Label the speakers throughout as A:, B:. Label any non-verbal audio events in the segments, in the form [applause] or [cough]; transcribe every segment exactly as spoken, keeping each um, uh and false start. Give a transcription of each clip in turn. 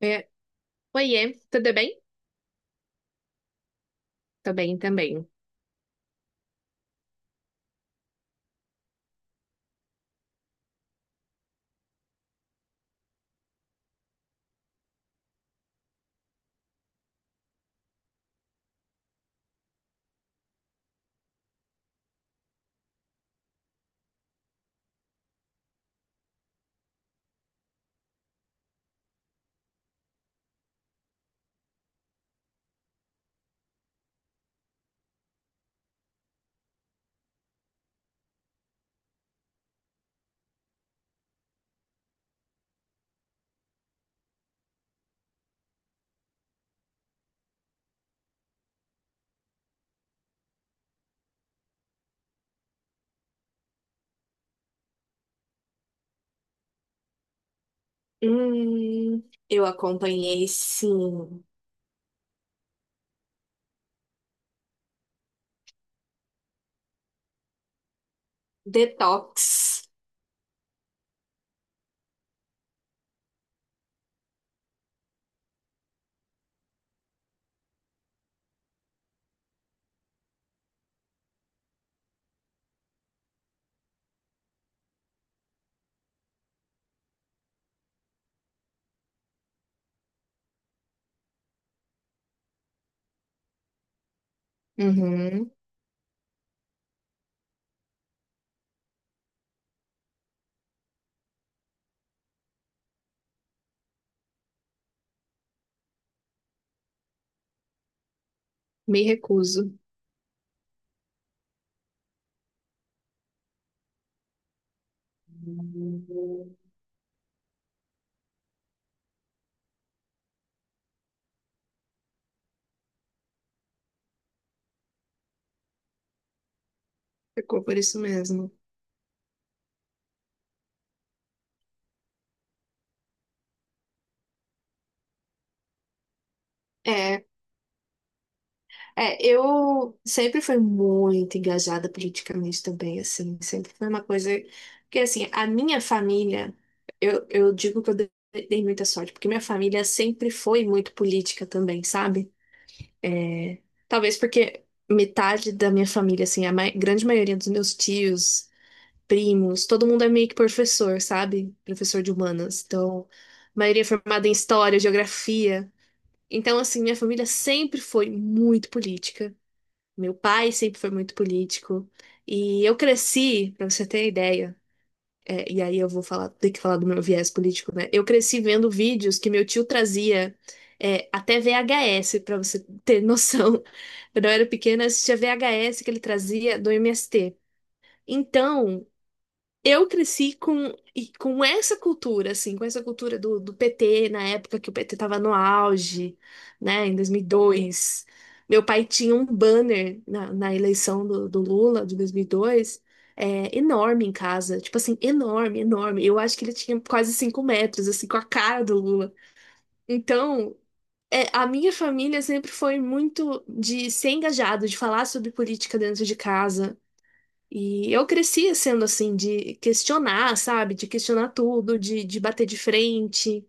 A: É, oiê, tudo bem? Tô bem também. Hum, eu acompanhei sim. Detox. Uhum. Me recuso. Ficou por isso mesmo. É, é, eu sempre fui muito engajada politicamente também, assim, sempre foi uma coisa que, assim, a minha família, eu, eu digo que eu dei dei muita sorte, porque minha família sempre foi muito política também, sabe? É, talvez porque metade da minha família, assim, a mai- grande maioria dos meus tios, primos, todo mundo é meio que professor, sabe? Professor de humanas. Então, a maioria é formada em história, geografia. Então, assim, minha família sempre foi muito política. Meu pai sempre foi muito político. E eu cresci, pra você ter ideia. É, e aí eu vou falar, ter que falar do meu viés político, né? Eu cresci vendo vídeos que meu tio trazia é, até V H S, pra você ter noção. [laughs] Quando eu era pequena, eu assistia V H S que ele trazia do M S T. Então, eu cresci com, e com essa cultura, assim, com essa cultura do, do, P T, na época que o P T estava no auge, né, em dois mil e dois. Meu pai tinha um banner na, na, eleição do, do Lula, de dois mil e dois, é, enorme em casa, tipo assim, enorme, enorme. Eu acho que ele tinha quase cinco metros, assim, com a cara do Lula. Então, é, a minha família sempre foi muito de ser engajado, de falar sobre política dentro de casa. E eu crescia sendo assim, de questionar, sabe? De questionar tudo, de, de bater de frente.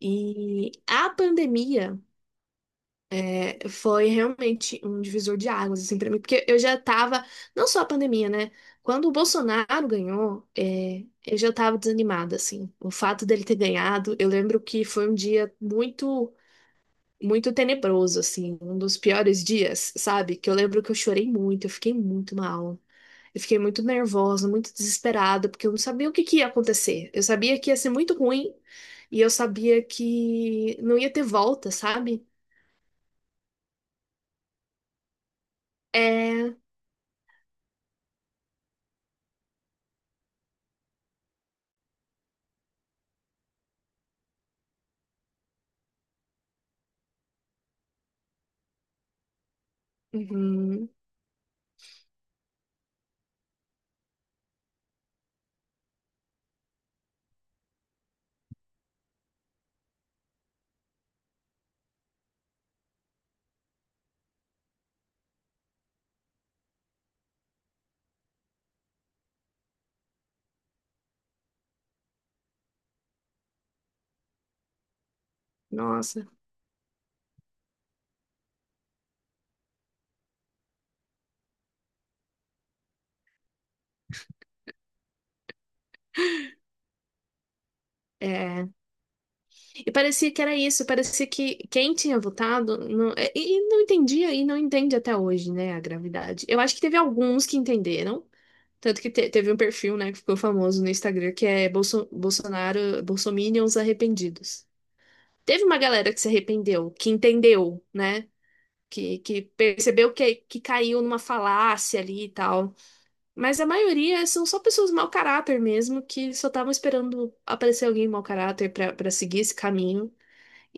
A: E a pandemia eh, foi realmente um divisor de águas, assim, pra mim, porque eu já tava, não só a pandemia, né? Quando o Bolsonaro ganhou, eh, eu já tava desanimada, assim. O fato dele ter ganhado, eu lembro que foi um dia muito, muito tenebroso, assim, um dos piores dias, sabe? Que eu lembro que eu chorei muito, eu fiquei muito mal. Eu fiquei muito nervosa, muito desesperada, porque eu não sabia o que que ia acontecer. Eu sabia que ia ser muito ruim e eu sabia que não ia ter volta, sabe? É. Uhum. Nossa, é. E parecia que era isso, parecia que quem tinha votado não... é, E e não entendia e não entende até hoje, né, a gravidade. Eu acho que teve alguns que entenderam, tanto que te- teve um perfil, né, que ficou famoso no Instagram, que é Bolso... Bolsonaro, Bolsominions arrependidos. Teve uma galera que se arrependeu, que entendeu, né? Que, que percebeu que, que caiu numa falácia ali e tal. Mas a maioria são só pessoas mau caráter mesmo, que só estavam esperando aparecer alguém mau caráter pra para seguir esse caminho.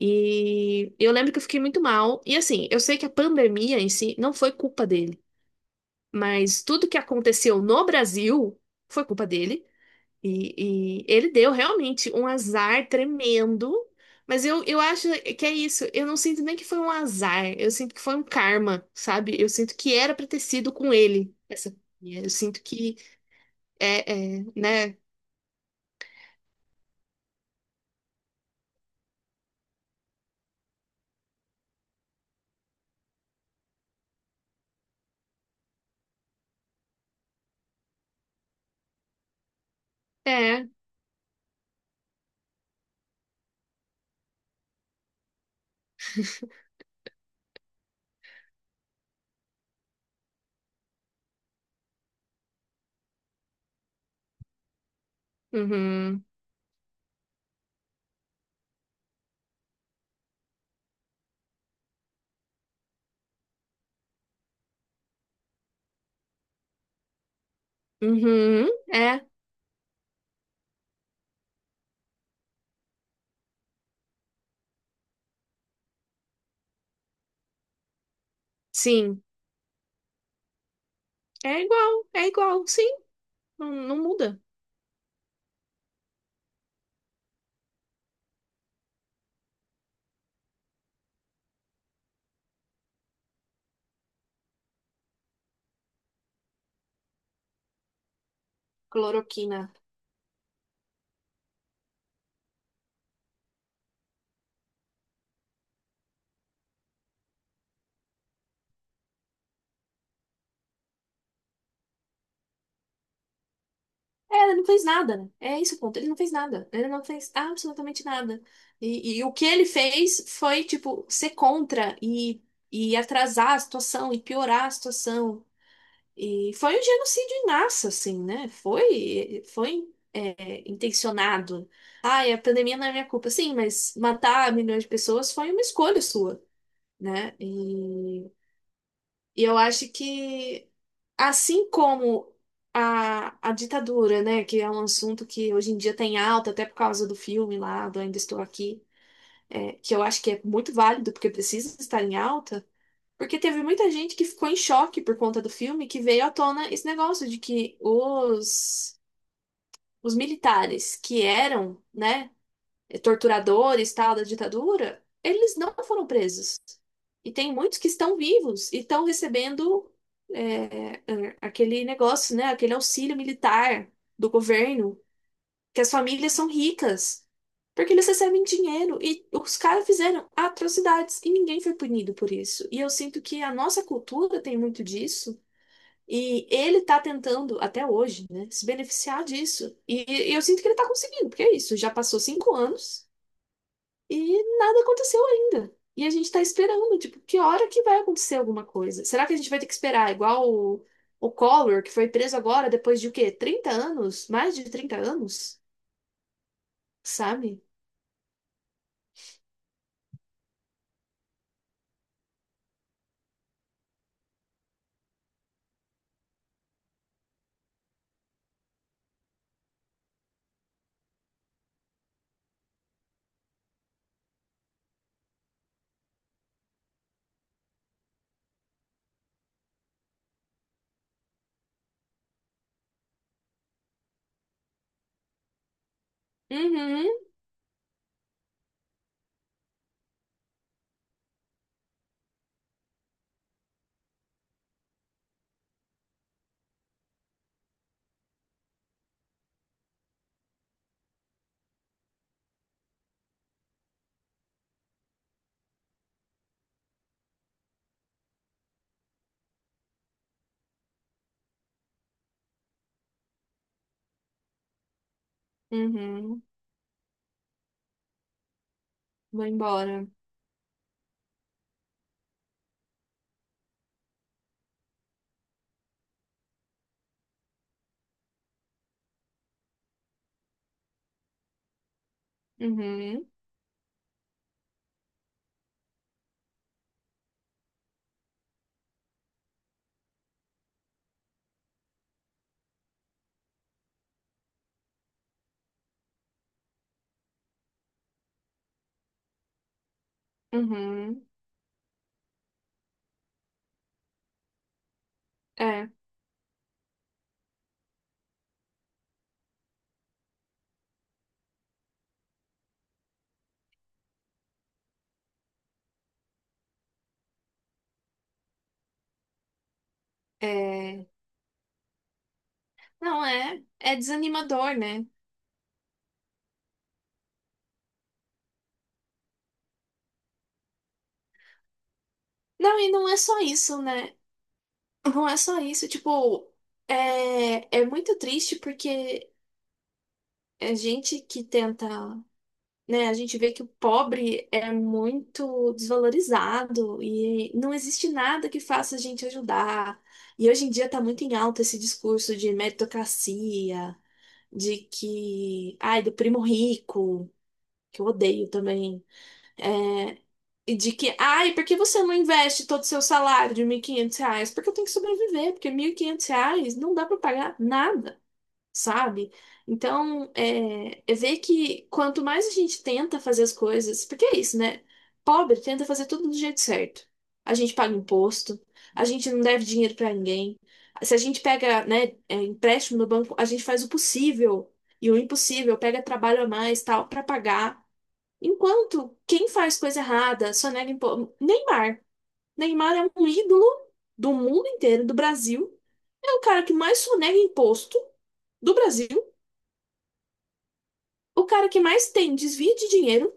A: E eu lembro que eu fiquei muito mal. E assim, eu sei que a pandemia em si não foi culpa dele, mas tudo que aconteceu no Brasil foi culpa dele. E, e ele deu realmente um azar tremendo, mas eu, eu acho que é isso. Eu não sinto nem que foi um azar, eu sinto que foi um karma, sabe? Eu sinto que era pra ter sido com ele essa companhia. Eu sinto que é, é, né? É, uhum, uhum, é, sim, é igual, é igual, sim, não, não muda. Cloroquina. É, ele não fez nada, né? É esse o ponto. Ele não fez nada. Ele não fez absolutamente nada. E, e o que ele fez foi, tipo, ser contra e, e atrasar a situação e piorar a situação. E foi um genocídio em massa, assim, né? Foi, foi, é, intencionado. Ai, a pandemia não é minha culpa. Sim, mas matar milhões de pessoas foi uma escolha sua, né? E e eu acho que, assim como a, a ditadura, né, que é um assunto que hoje em dia tem alta, até por causa do filme lá, do Ainda Estou Aqui, é, que eu acho que é muito válido, porque precisa estar em alta, porque teve muita gente que ficou em choque por conta do filme, que veio à tona esse negócio de que os, os militares que eram, né, torturadores, tal, da ditadura, eles não foram presos. E tem muitos que estão vivos e estão recebendo é, é, aquele negócio, né? Aquele auxílio militar do governo, que as famílias são ricas, porque eles recebem dinheiro e os caras fizeram atrocidades e ninguém foi punido por isso. E eu sinto que a nossa cultura tem muito disso. E ele tá tentando, até hoje, né, se beneficiar disso. E, e eu sinto que ele tá conseguindo, porque é isso, já passou cinco anos, e nada aconteceu ainda. E a gente tá esperando, tipo, que hora que vai acontecer alguma coisa? Será que a gente vai ter que esperar igual o, o, Collor, que foi preso agora depois de o quê? Trinta anos? Mais de trinta anos? Sabe? Uhum, uhum. Vou embora. Uhum, uhum. É, é. Não é, é desanimador, né? Não, e não é só isso, né? Não é só isso, tipo, é, é muito triste porque a gente que tenta, né? A gente vê que o pobre é muito desvalorizado e não existe nada que faça a gente ajudar. E hoje em dia está muito em alta esse discurso de meritocracia, de que, ai, do primo rico, que eu odeio também. E de que, ai, por que você não investe todo o seu salário de mil e quinhentos reais? Porque eu tenho que sobreviver, porque mil e quinhentos reais não dá para pagar nada, sabe? Então, é, é ver que quanto mais a gente tenta fazer as coisas, porque é isso, né? Pobre tenta fazer tudo do jeito certo. A gente paga imposto, a gente não deve dinheiro pra ninguém. Se a gente pega, né, é, empréstimo no banco, a gente faz o possível e o impossível, pega trabalho a mais, tal, pra pagar. Enquanto quem faz coisa errada, só nega imposto. Neymar. Neymar é um ídolo do mundo inteiro, do Brasil. É o cara que mais sonega imposto do Brasil. O cara que mais tem desvio de dinheiro,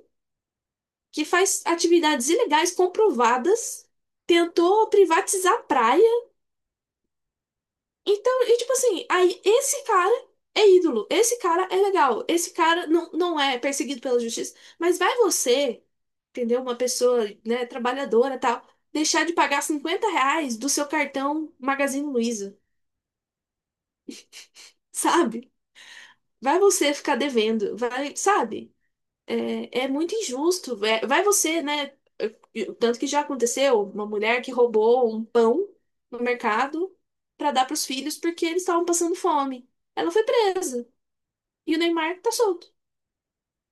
A: que faz atividades ilegais comprovadas, tentou privatizar a praia. Então, e tipo assim, aí esse cara é ídolo, esse cara é legal, esse cara não, não é perseguido pela justiça. Mas vai você, entendeu? Uma pessoa, né, trabalhadora e tal, deixar de pagar cinquenta reais do seu cartão Magazine Luiza, sabe? Vai você ficar devendo, vai, sabe? É, é muito injusto. É, vai você, né? Tanto que já aconteceu uma mulher que roubou um pão no mercado para dar para os filhos porque eles estavam passando fome. Ela foi presa e o Neymar tá solto.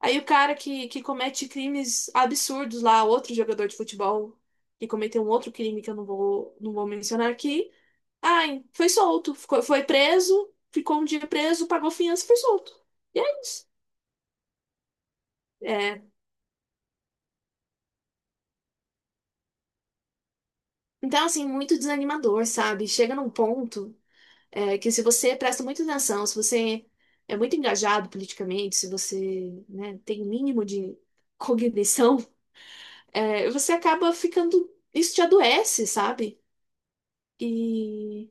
A: Aí o cara que, que, comete crimes absurdos lá, outro jogador de futebol que cometeu um outro crime que eu não vou, não vou mencionar aqui, ai, foi solto, ficou- foi preso, ficou um dia preso, pagou fiança e foi solto. E é isso. É, então, assim, muito desanimador, sabe? Chega num ponto é, que se você presta muita atenção, se você é muito engajado politicamente, se você, né, tem o mínimo de cognição, [laughs] é, você acaba ficando. Isso te adoece, sabe? E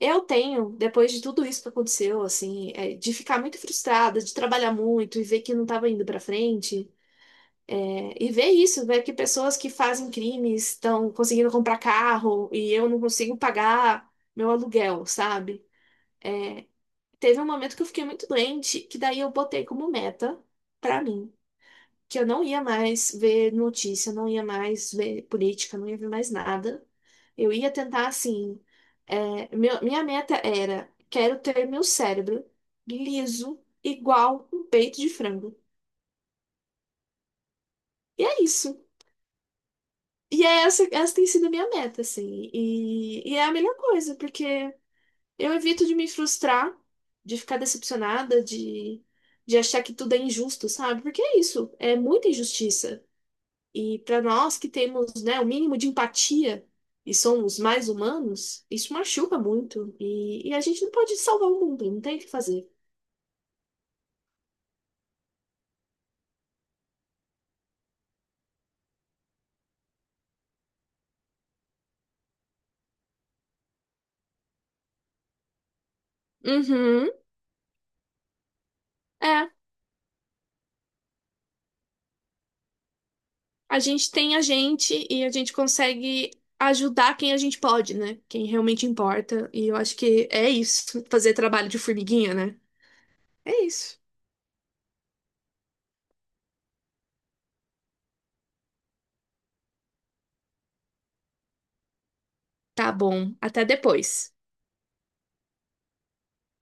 A: eu tenho, depois de tudo isso que aconteceu, assim, é, de ficar muito frustrada, de trabalhar muito e ver que não estava indo para frente. É, e ver isso, ver que pessoas que fazem crimes estão conseguindo comprar carro e eu não consigo pagar meu aluguel, sabe? Teve um momento que eu fiquei muito doente, que daí eu botei como meta pra mim, que eu não ia mais ver notícia, não ia mais ver política, não ia ver mais nada. Eu ia tentar assim. é, meu- minha meta era: quero ter meu cérebro liso, igual um peito de frango. E é isso. E é essa, essa tem sido a minha meta, assim. E, e é a melhor coisa, porque eu evito de me frustrar, de ficar decepcionada, de, de, achar que tudo é injusto, sabe? Porque é isso, é muita injustiça. E para nós que temos, né, o mínimo de empatia e somos mais humanos, isso machuca muito. E, e a gente não pode salvar o mundo, não tem o que fazer. Uhum, é. A gente tem a gente e a gente consegue ajudar quem a gente pode, né? Quem realmente importa. E eu acho que é isso, fazer trabalho de formiguinha, né? É isso. Tá bom, até depois.